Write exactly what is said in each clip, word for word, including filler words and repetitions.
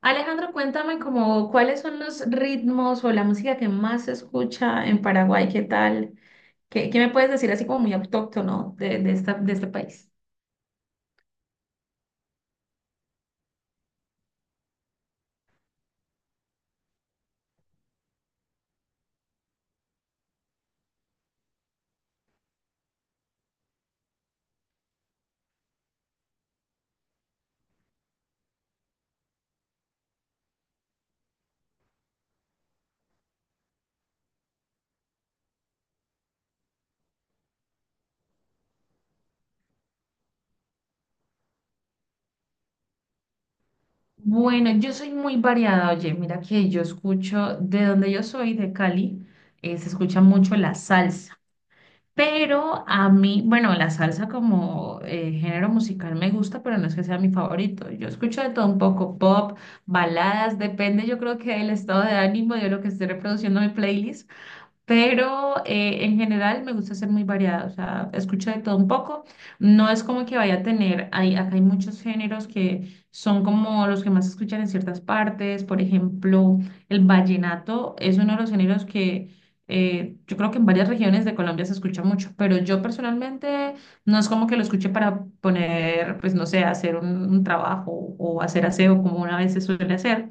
Alejandro, cuéntame como cuáles son los ritmos o la música que más se escucha en Paraguay, ¿qué tal? ¿Qué, qué me puedes decir así como muy autóctono de, de, esta, de este país? Bueno, yo soy muy variada, oye, mira que yo escucho, de donde yo soy, de Cali, eh, se escucha mucho la salsa. Pero a mí, bueno, la salsa como eh, género musical me gusta, pero no es que sea mi favorito. Yo escucho de todo un poco, pop, baladas, depende yo creo que del estado de ánimo, de lo que esté reproduciendo mi playlist. Pero eh, en general me gusta ser muy variada, o sea, escucho de todo un poco. No es como que vaya a tener, hay, acá hay muchos géneros que son como los que más se escuchan en ciertas partes. Por ejemplo, el vallenato es uno de los géneros que eh, yo creo que en varias regiones de Colombia se escucha mucho, pero yo personalmente no es como que lo escuche para poner, pues no sé, hacer un, un, trabajo o hacer aseo como una vez se suele hacer.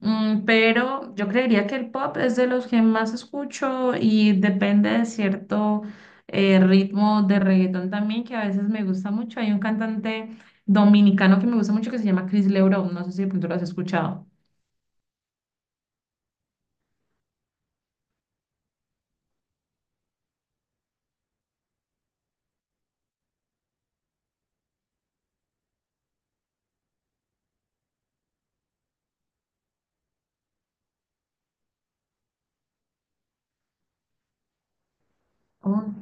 Mm, pero yo creería que el pop es de los que más escucho y depende de cierto eh, ritmo de reggaetón también, que a veces me gusta mucho. Hay un cantante dominicano que me gusta mucho que se llama Chris Lebrón, no sé si de pronto lo has escuchado. Oh.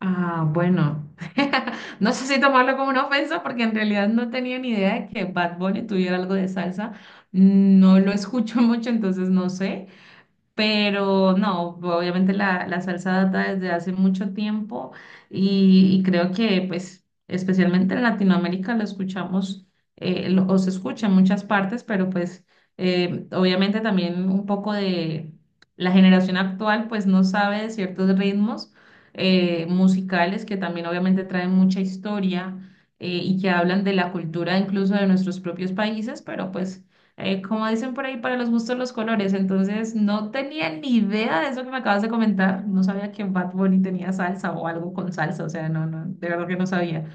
Ah, bueno. No sé si tomarlo como una ofensa porque en realidad no tenía ni idea de que Bad Bunny tuviera algo de salsa. No lo escucho mucho, entonces no sé. Pero no, obviamente la, la salsa data desde hace mucho tiempo, y, y creo que pues especialmente en Latinoamérica lo escuchamos, eh, lo- o se escucha en muchas partes, pero pues eh, obviamente también un poco de la generación actual pues no sabe de ciertos ritmos eh, musicales que también obviamente traen mucha historia, eh, y que hablan de la cultura incluso de nuestros propios países, pero pues eh, como dicen por ahí, para los gustos los colores. Entonces, no tenía ni idea de eso que me acabas de comentar. No sabía que Bad Bunny tenía salsa o algo con salsa. O sea, no, no, de verdad que no sabía.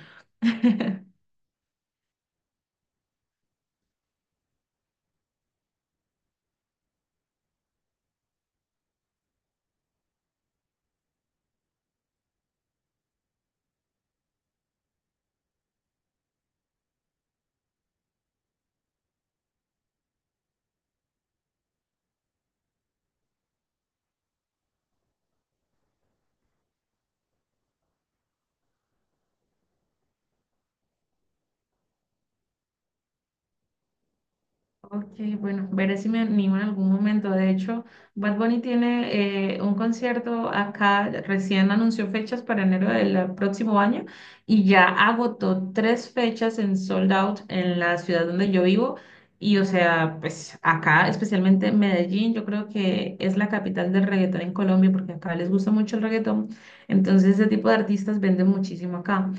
Ok, bueno, veré si me animo en algún momento. De hecho, Bad Bunny tiene eh, un concierto acá, recién anunció fechas para enero del próximo año y ya agotó tres fechas en sold out en la ciudad donde yo vivo. Y o sea, pues acá, especialmente en Medellín, yo creo que es la capital del reggaetón en Colombia porque acá les gusta mucho el reggaetón. Entonces, ese tipo de artistas venden muchísimo acá.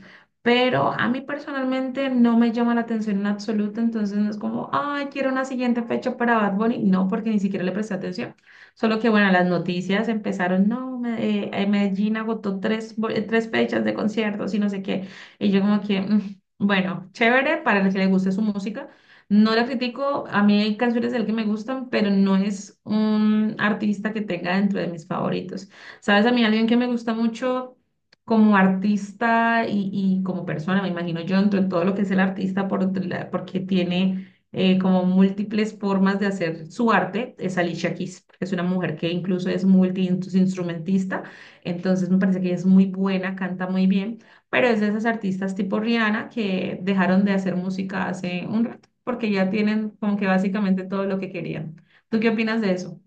Pero a mí personalmente no me llama la atención en absoluto, entonces no es como, ay, quiero una siguiente fecha para Bad Bunny. No, porque ni siquiera le presté atención. Solo que, bueno, las noticias empezaron, no, Me- eh, eh, Medellín agotó tres, bo- eh, tres fechas de conciertos y no sé qué. Y yo como que, "Mm, bueno, chévere para el que le guste su música. No la critico, a mí hay canciones de él que me gustan, pero no es un artista que tenga dentro de mis favoritos. ¿Sabes? A mí alguien que me gusta mucho como artista y, y como persona, me imagino yo entro en todo lo que es el artista por la- porque tiene eh, como múltiples formas de hacer su arte. Es Alicia Keys, es una mujer que incluso es multiinstrumentista, entonces me parece que ella es muy buena, canta muy bien, pero es de esas artistas tipo Rihanna que dejaron de hacer música hace un rato porque ya tienen como que básicamente todo lo que querían. ¿Tú qué opinas de eso?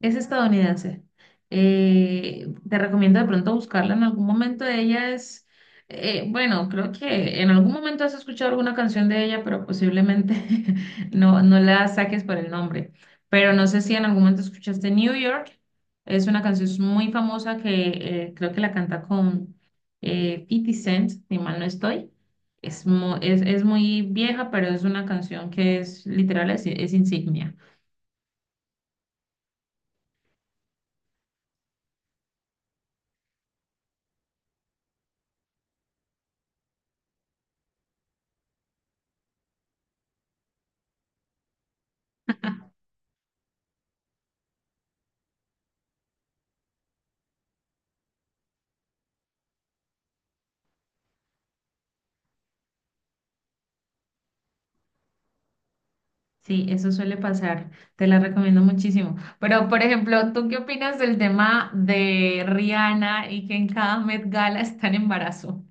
Es estadounidense. Eh, te recomiendo de pronto buscarla en algún momento. Ella es, eh, bueno, creo que en algún momento has escuchado alguna canción de ella, pero posiblemente no, no la saques por el nombre. Pero no sé si en algún momento escuchaste New York. Es una canción muy famosa que eh, creo que la canta con eh, fifty Cent, si mal no estoy. Es, mu- es, es muy vieja, pero es una canción que es literal, es es insignia. Sí, eso suele pasar. Te la recomiendo muchísimo. Pero, por ejemplo, ¿tú qué opinas del tema de Rihanna y que en cada Met Gala está en embarazo?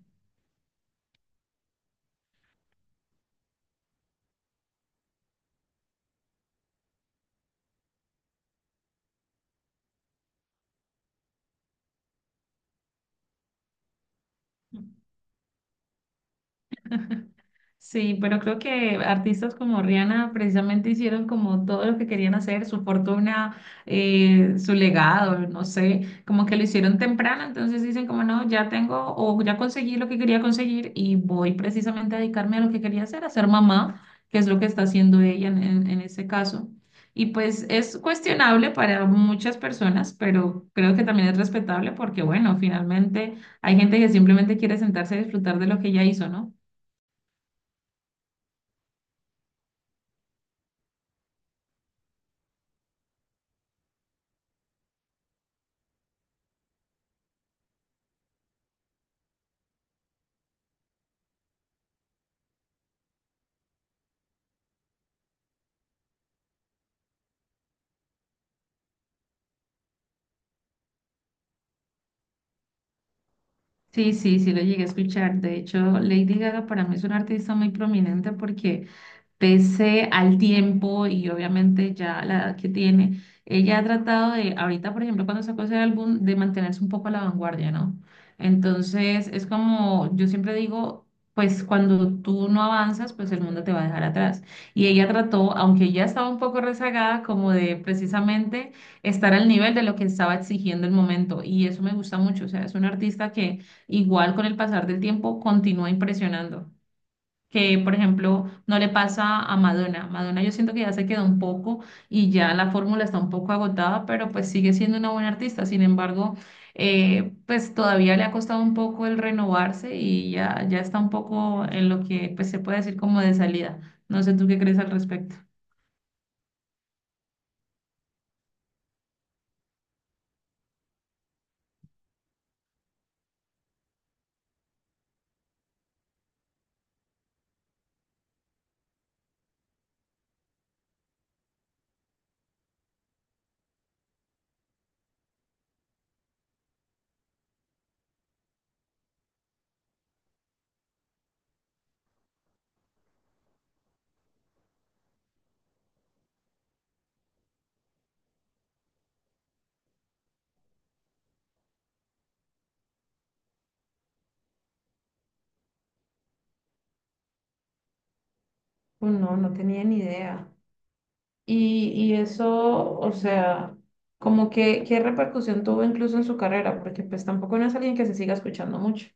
Sí, pero creo que artistas como Rihanna precisamente hicieron como todo lo que querían hacer, su fortuna, eh, su legado, no sé, como que lo hicieron temprano, entonces dicen como no, ya tengo o ya conseguí lo que quería conseguir y voy precisamente a dedicarme a lo que quería hacer, a ser mamá, que es lo que está haciendo ella en, en, en ese caso. Y pues es cuestionable para muchas personas, pero creo que también es respetable porque bueno, finalmente hay gente que simplemente quiere sentarse a disfrutar de lo que ella hizo, ¿no? Sí, sí, sí lo llegué a escuchar. De hecho, Lady Gaga para mí es una artista muy prominente porque pese al tiempo y obviamente ya la edad que tiene, ella ha tratado de, ahorita por ejemplo cuando sacó ese álbum, de mantenerse un poco a la vanguardia, ¿no? Entonces es como, yo siempre digo, pues cuando tú no avanzas, pues el mundo te va a dejar atrás. Y ella trató, aunque ya estaba un poco rezagada, como de precisamente estar al nivel de lo que estaba exigiendo el momento. Y eso me gusta mucho, o sea, es una artista que igual con el pasar del tiempo continúa impresionando, que, por ejemplo, no le pasa a Madonna. Madonna yo siento que ya se quedó un poco y ya la fórmula está un poco agotada, pero pues sigue siendo una buena artista. Sin embargo, eh, pues todavía le ha costado un poco el renovarse y ya, ya está un poco en lo que pues se puede decir como de salida. No sé tú qué crees al respecto. Uh, No, no tenía ni idea. Y, y eso, o sea, como que, ¿qué repercusión tuvo incluso en su carrera? Porque pues tampoco no es alguien que se siga escuchando mucho.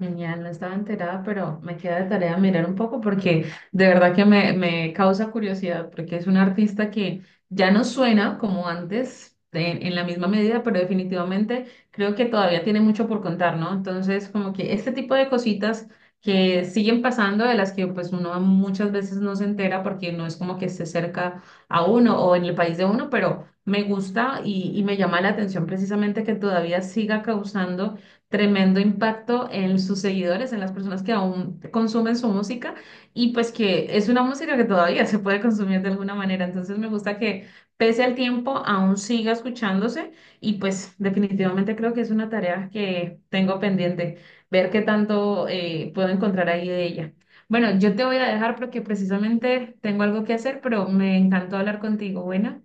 Genial, no estaba enterada, pero me queda de tarea mirar un poco porque de verdad que me, me causa curiosidad porque es un artista que ya no suena como antes en, en, la misma medida, pero definitivamente creo que todavía tiene mucho por contar, ¿no? Entonces, como que este tipo de cositas que siguen pasando, de las que pues uno muchas veces no se entera porque no es como que esté cerca a uno o en el país de uno, pero me gusta y, y me llama la atención precisamente que todavía siga causando tremendo impacto en sus seguidores, en las personas que aún consumen su música y pues que es una música que todavía se puede consumir de alguna manera. Entonces me gusta que pese al tiempo aún siga escuchándose y pues definitivamente creo que es una tarea que tengo pendiente, ver qué tanto eh, puedo encontrar ahí de ella. Bueno, yo te voy a dejar porque precisamente tengo algo que hacer, pero me encantó hablar contigo. Bueno.